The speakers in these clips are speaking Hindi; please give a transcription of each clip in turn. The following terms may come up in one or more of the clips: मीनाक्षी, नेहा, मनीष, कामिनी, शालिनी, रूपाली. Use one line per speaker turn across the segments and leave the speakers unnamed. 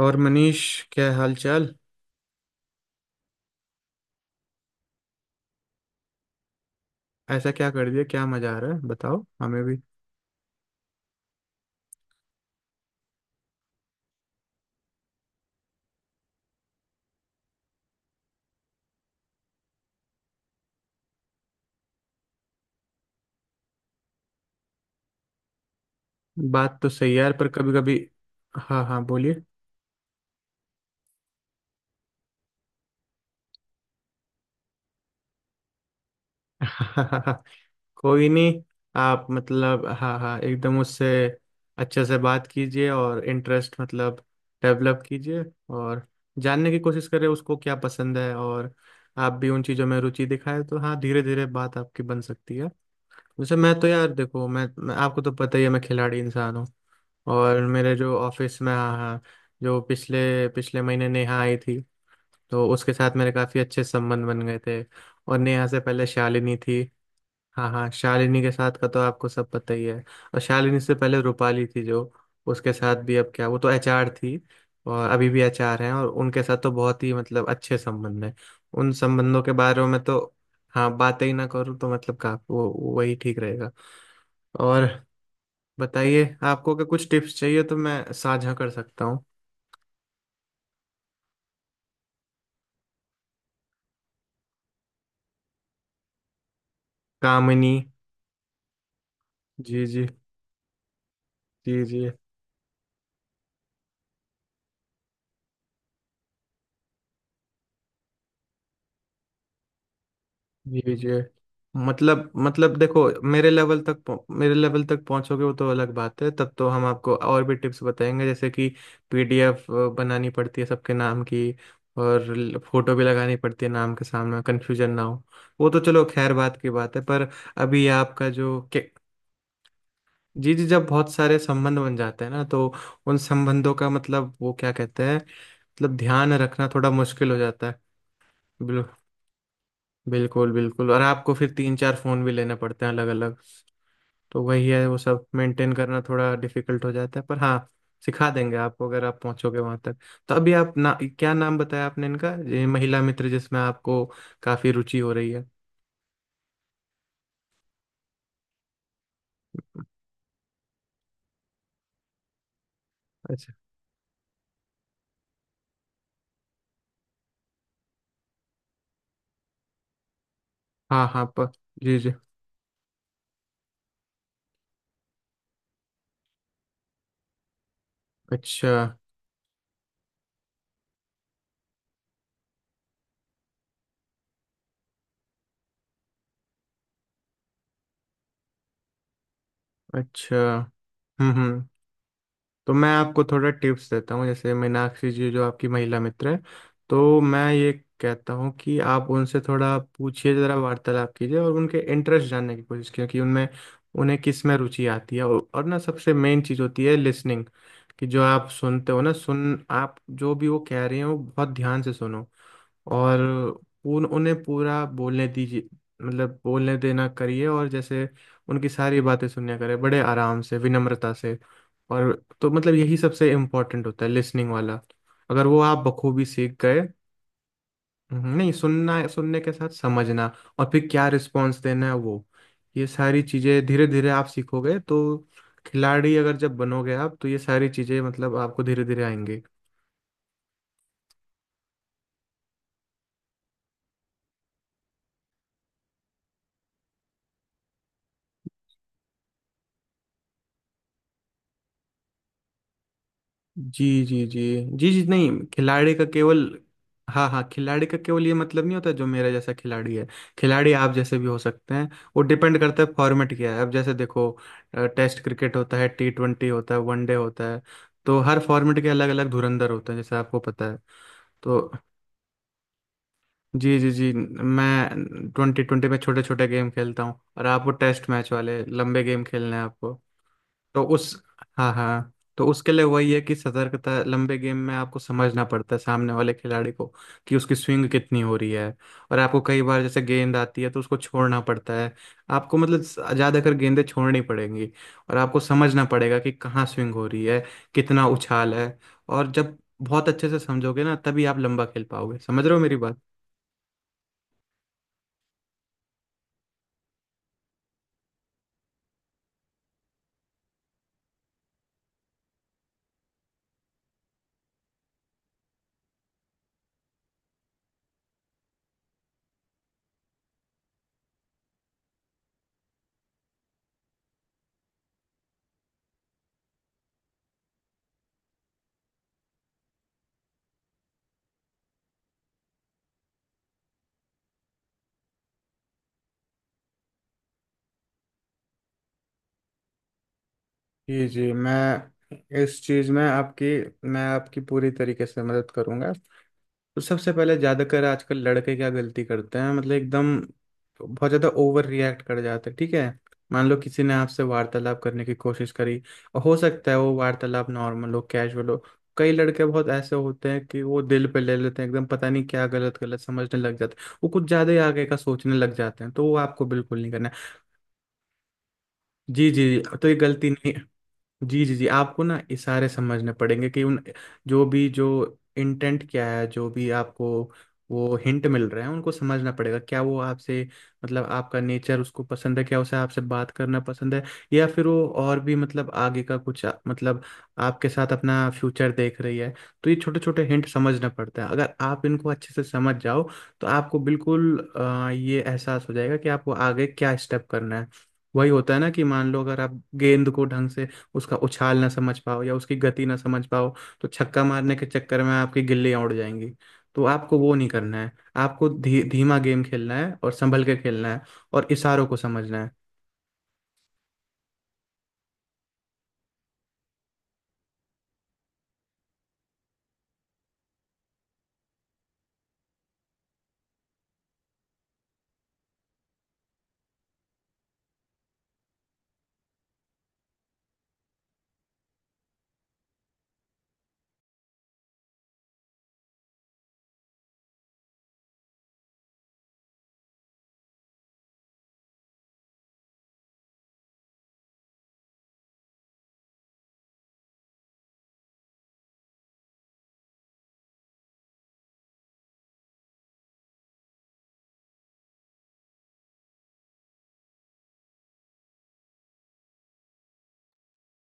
और मनीष, क्या हाल चाल। ऐसा क्या कर दिया, क्या मजा आ रहा है बताओ हमें भी। बात तो सही है यार, पर कभी कभी। हाँ हाँ, बोलिए। कोई नहीं। आप मतलब हाँ हाँ, एकदम उससे अच्छे से बात कीजिए और इंटरेस्ट मतलब डेवलप कीजिए। और जानने की कोशिश करें उसको क्या पसंद है, और आप भी उन चीज़ों में रुचि दिखाएं तो हाँ, धीरे धीरे बात आपकी बन सकती है। जैसे मैं तो यार देखो, मैं आपको तो पता ही है, मैं खिलाड़ी इंसान हूँ। और मेरे जो ऑफिस में, हाँ हाँ, जो पिछले पिछले महीने नेहा आई थी तो उसके साथ मेरे काफ़ी अच्छे संबंध बन गए थे। और नेहा से पहले शालिनी थी। हाँ हाँ, शालिनी के साथ का तो आपको सब पता ही है। और शालिनी से पहले रूपाली थी, जो उसके साथ भी अब क्या, वो तो एचआर थी। और अभी भी एचआर हैं और उनके साथ तो बहुत ही मतलब अच्छे संबंध हैं। उन संबंधों के बारे में तो हाँ, बातें ही ना करूँ तो मतलब का वो वही ठीक रहेगा। और बताइए, आपको अगर कुछ टिप्स चाहिए तो मैं साझा कर सकता हूँ। कामिनी। जी जी। जी जी। जी जी। मतलब देखो, मेरे लेवल तक पहुंचोगे वो तो अलग बात है, तब तो हम आपको और भी टिप्स बताएंगे, जैसे कि पीडीएफ बनानी पड़ती है सबके नाम की, और फोटो भी लगानी पड़ती है नाम के सामने कन्फ्यूजन ना हो। वो तो चलो खैर बात की बात है, पर अभी आपका जो के-। जी जी, जब बहुत सारे संबंध बन जाते हैं ना तो उन संबंधों का मतलब वो क्या कहते हैं, मतलब ध्यान रखना थोड़ा मुश्किल हो जाता है। बिल्कुल बिल्कुल, और आपको फिर तीन चार फ़ोन भी लेने पड़ते हैं अलग अलग। तो वही है, वो सब मेंटेन करना थोड़ा डिफिकल्ट हो जाता है, पर हाँ सिखा देंगे आपको अगर आप पहुंचोगे वहां तक। तो अभी आप ना, क्या नाम बताया आपने इनका, ये महिला मित्र जिसमें आपको काफ़ी रुचि हो रही है। अच्छा। हाँ हाँ प, जी जी। अच्छा अच्छा। हम्म हम्म तो मैं आपको थोड़ा टिप्स देता हूँ, जैसे मीनाक्षी जी जो आपकी महिला मित्र है, तो मैं ये कहता हूँ कि आप उनसे थोड़ा पूछिए ज़रा, वार्तालाप कीजिए और उनके इंटरेस्ट जानने की कोशिश कीजिए कि उनमें उन्हें किस में रुचि आती है। और ना सबसे मेन चीज़ होती है लिसनिंग, कि जो आप सुनते हो ना, सुन आप जो भी वो कह रहे हो बहुत ध्यान से सुनो। और उन उन्हें पूरा बोलने दीजिए, मतलब बोलने देना करिए, और जैसे उनकी सारी बातें सुनने करें बड़े आराम से विनम्रता से। और तो मतलब यही सबसे इम्पोर्टेंट होता है लिसनिंग वाला, अगर वो आप बखूबी सीख गए। नहीं, सुनना सुनने के साथ समझना, और फिर क्या रिस्पॉन्स देना है वो। ये सारी चीज़ें धीरे धीरे आप सीखोगे तो, खिलाड़ी अगर जब बनोगे आप, तो ये सारी चीज़ें मतलब आपको धीरे धीरे आएंगी। जी जी। जी जी। जी नहीं, खिलाड़ी का केवल, हाँ हाँ, खिलाड़ी का केवल ये मतलब नहीं होता जो मेरा जैसा खिलाड़ी है। खिलाड़ी आप जैसे भी हो सकते हैं। वो डिपेंड करता है फॉर्मेट क्या है। अब जैसे देखो, टेस्ट क्रिकेट होता है, टी ट्वेंटी होता है, वनडे होता है। तो हर फॉर्मेट के अलग अलग धुरंधर होते हैं, जैसे आपको पता है। तो जी जी। जी मैं ट्वेंटी ट्वेंटी में छोटे छोटे गेम खेलता हूँ, और आपको टेस्ट मैच वाले लंबे गेम खेलने हैं आपको। तो उस हाँ हाँ, तो उसके लिए वही है कि सतर्कता, लंबे गेम में आपको समझना पड़ता है सामने वाले खिलाड़ी को कि उसकी स्विंग कितनी हो रही है। और आपको कई बार जैसे गेंद आती है तो उसको छोड़ना पड़ता है, आपको मतलब ज़्यादातर गेंदें छोड़नी पड़ेंगी। और आपको समझना पड़ेगा कि कहाँ स्विंग हो रही है, कितना उछाल है। और जब बहुत अच्छे से समझोगे ना, तभी आप लंबा खेल पाओगे, समझ रहे हो मेरी बात। जी जी, मैं इस चीज़ में आपकी मैं आपकी पूरी तरीके से मदद करूंगा। तो सबसे पहले ज्यादातर आजकल लड़के क्या गलती करते हैं, मतलब एकदम बहुत ज्यादा ओवर रिएक्ट कर जाते हैं, ठीक है। मान लो किसी ने आपसे वार्तालाप करने की कोशिश करी, और हो सकता है वो वार्तालाप नॉर्मल हो, कैजुअल हो। कई लड़के बहुत ऐसे होते हैं कि वो दिल पे ले लेते हैं एकदम, पता नहीं क्या गलत गलत समझने लग जाते हैं, वो कुछ ज्यादा ही आगे का सोचने लग जाते हैं, तो वो आपको बिल्कुल नहीं करना है। जी जी, तो ये गलती नहीं। जी जी जी, आपको ना इशारे समझने पड़ेंगे कि उन जो भी जो इंटेंट क्या है, जो भी आपको वो हिंट मिल रहे हैं, उनको समझना पड़ेगा, क्या वो आपसे मतलब आपका नेचर उसको पसंद है, क्या उसे आपसे बात करना पसंद है, या फिर वो और भी मतलब आगे का मतलब आपके साथ अपना फ्यूचर देख रही है। तो ये छोटे छोटे हिंट समझना पड़ता है, अगर आप इनको अच्छे से समझ जाओ तो आपको बिल्कुल ये एहसास हो जाएगा कि आपको आगे क्या स्टेप करना है। वही होता है ना, कि मान लो अगर आप गेंद को ढंग से उसका उछाल ना समझ पाओ या उसकी गति ना समझ पाओ, तो छक्का मारने के चक्कर में आपकी गिल्लियां उड़ जाएंगी। तो आपको वो नहीं करना है, आपको धीमा गेम खेलना है और संभल के खेलना है, और इशारों को समझना है।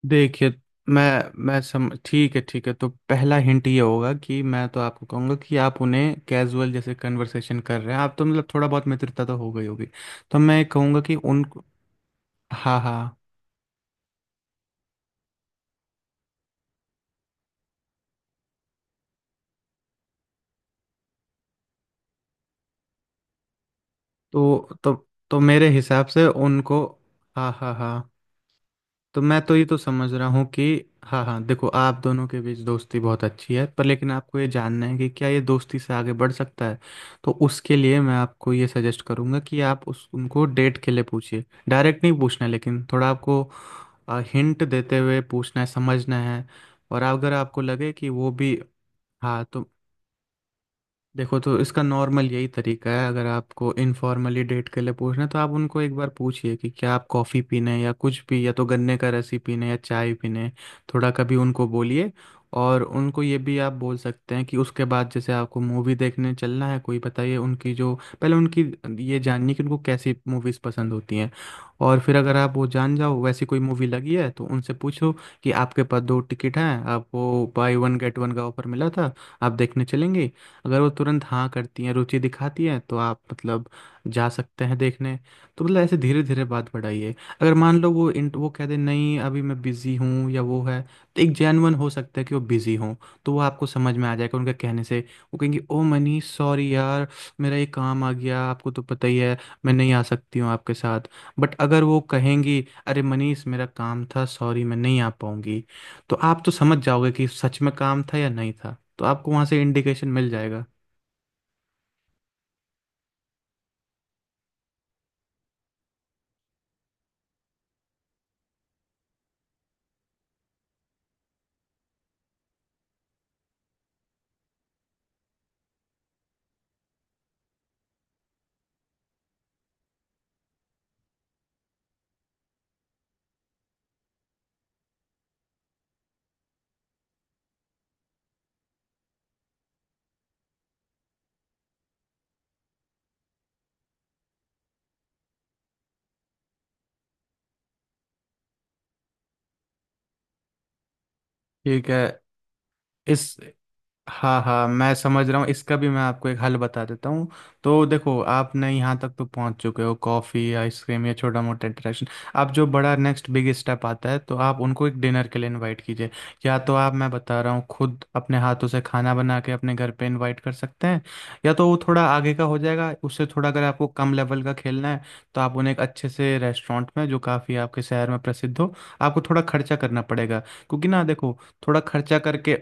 देखिए, मैं मैं सम ठीक है ठीक है, तो पहला हिंट ये होगा कि मैं तो आपको कहूंगा कि आप उन्हें कैजुअल जैसे कन्वर्सेशन कर रहे हैं आप, तो मतलब थोड़ा बहुत मित्रता तो हो गई होगी। तो मैं कहूंगा कि उन, हाँ हाँ, तो तो मेरे हिसाब से उनको, हाँ हाँ हाँ, तो मैं तो ये तो समझ रहा हूँ कि हाँ हाँ। देखो, आप दोनों के बीच दोस्ती बहुत अच्छी है, पर लेकिन आपको ये जानना है कि क्या ये दोस्ती से आगे बढ़ सकता है। तो उसके लिए मैं आपको ये सजेस्ट करूँगा कि आप उस उनको डेट के लिए पूछिए, डायरेक्ट नहीं पूछना है, लेकिन थोड़ा आपको हिंट देते हुए पूछना है, समझना है। और अगर आपको लगे कि वो भी हाँ, तो देखो, तो इसका नॉर्मल यही तरीका है, अगर आपको इनफॉर्मली डेट के लिए पूछना है तो आप उनको एक बार पूछिए कि क्या आप कॉफ़ी पीने हैं या कुछ भी, या तो गन्ने का रस ही पीने हैं, या चाय पीने हैं। थोड़ा कभी उनको बोलिए। और उनको ये भी आप बोल सकते हैं कि उसके बाद जैसे आपको मूवी देखने चलना है कोई बताइए, उनकी जो पहले उनकी ये जाननी है कि उनको कैसी मूवीज़ पसंद होती हैं। और फिर अगर आप वो जान जाओ, वैसी कोई मूवी लगी है तो उनसे पूछो कि आपके पास दो टिकट हैं, आप वो बाय वन गेट वन का ऑफर मिला था, आप देखने चलेंगे। अगर वो तुरंत हाँ करती हैं, रुचि दिखाती हैं, तो आप मतलब जा सकते हैं देखने। तो मतलब ऐसे धीरे धीरे बात बढ़ाइए। अगर मान लो वो वो कह दे नहीं अभी मैं बिज़ी हूँ, या वो है, तो एक जेन्युइन हो सकता है कि वो बिज़ी हों। तो वो आपको समझ में आ जाएगा उनके कहने से, वो कहेंगे ओ मनीष सॉरी यार, मेरा ये काम आ गया, आपको तो पता ही है, मैं नहीं आ सकती हूँ आपके साथ। बट अगर वो कहेंगी अरे मनीष मेरा काम था सॉरी मैं नहीं आ पाऊंगी, तो आप तो समझ जाओगे कि सच में काम था या नहीं था, तो आपको वहां से इंडिकेशन मिल जाएगा। ठीक है, इस हाँ हाँ मैं समझ रहा हूँ, इसका भी मैं आपको एक हल बता देता हूँ। तो देखो, आपने यहाँ तक तो पहुँच चुके हो, कॉफ़ी आइसक्रीम या छोटा मोटा इंटरेक्शन। आप जो बड़ा नेक्स्ट बिग स्टेप आता है, तो आप उनको एक डिनर के लिए इनवाइट कीजिए। या तो आप, मैं बता रहा हूँ, खुद अपने हाथों से खाना बना के अपने घर पे इनवाइट कर सकते हैं, या तो वो थोड़ा आगे का हो जाएगा उससे। थोड़ा अगर आपको कम लेवल का खेलना है तो आप उन्हें एक अच्छे से रेस्टोरेंट में, जो काफ़ी आपके शहर में प्रसिद्ध हो। आपको थोड़ा खर्चा करना पड़ेगा, क्योंकि ना देखो, थोड़ा खर्चा करके,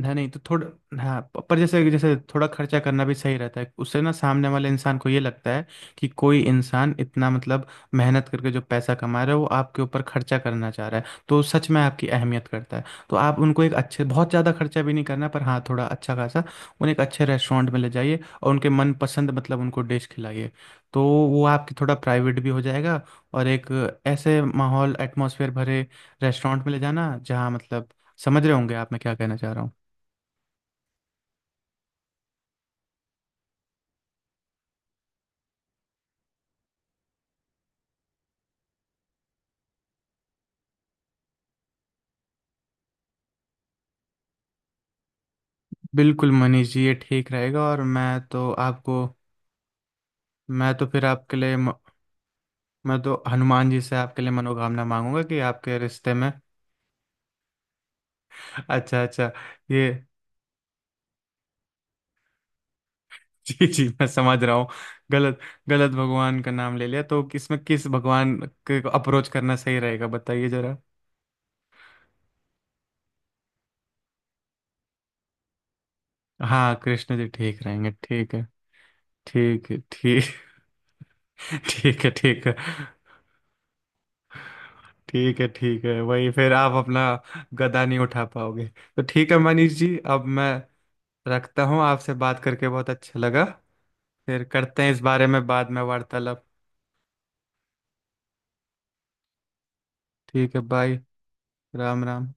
नहीं नहीं तो थोड़ा, हाँ पर जैसे जैसे थोड़ा खर्चा करना भी सही रहता है। उससे ना सामने वाले इंसान को ये लगता है कि कोई इंसान इतना मतलब मेहनत करके जो पैसा कमा रहा है वो आपके ऊपर खर्चा करना चाह रहा है, तो सच में आपकी अहमियत करता है। तो आप उनको एक अच्छे, बहुत ज़्यादा खर्चा भी नहीं करना, पर हाँ थोड़ा अच्छा खासा, उन्हें एक अच्छे रेस्टोरेंट में ले जाइए और उनके मनपसंद, मतलब उनको डिश खिलाइए। तो वो आपकी थोड़ा प्राइवेट भी हो जाएगा। और एक ऐसे माहौल, एटमॉस्फेयर भरे रेस्टोरेंट में ले जाना जहाँ मतलब, समझ रहे होंगे आप मैं क्या कहना चाह रहा हूँ। बिल्कुल मनीष जी ये ठीक रहेगा, और मैं तो आपको, मैं तो फिर आपके लिए म- मैं तो हनुमान जी से आपके लिए मनोकामना मांगूंगा कि आपके रिश्ते में। अच्छा अच्छा, ये, जी जी मैं समझ रहा हूँ। गलत गलत भगवान का नाम ले लिया, तो इसमें किस भगवान के अप्रोच करना सही रहेगा बताइए जरा। हाँ, कृष्ण जी ठीक रहेंगे, ठीक है। ठीक है ठीक। ठीक है ठीक है। ठीक है ठीक है, वही फिर आप अपना गदा नहीं उठा पाओगे। तो ठीक है मनीष जी, अब मैं रखता हूँ, आपसे बात करके बहुत अच्छा लगा। फिर करते हैं इस बारे में बाद में वार्तालाप। ठीक है, बाय। राम राम।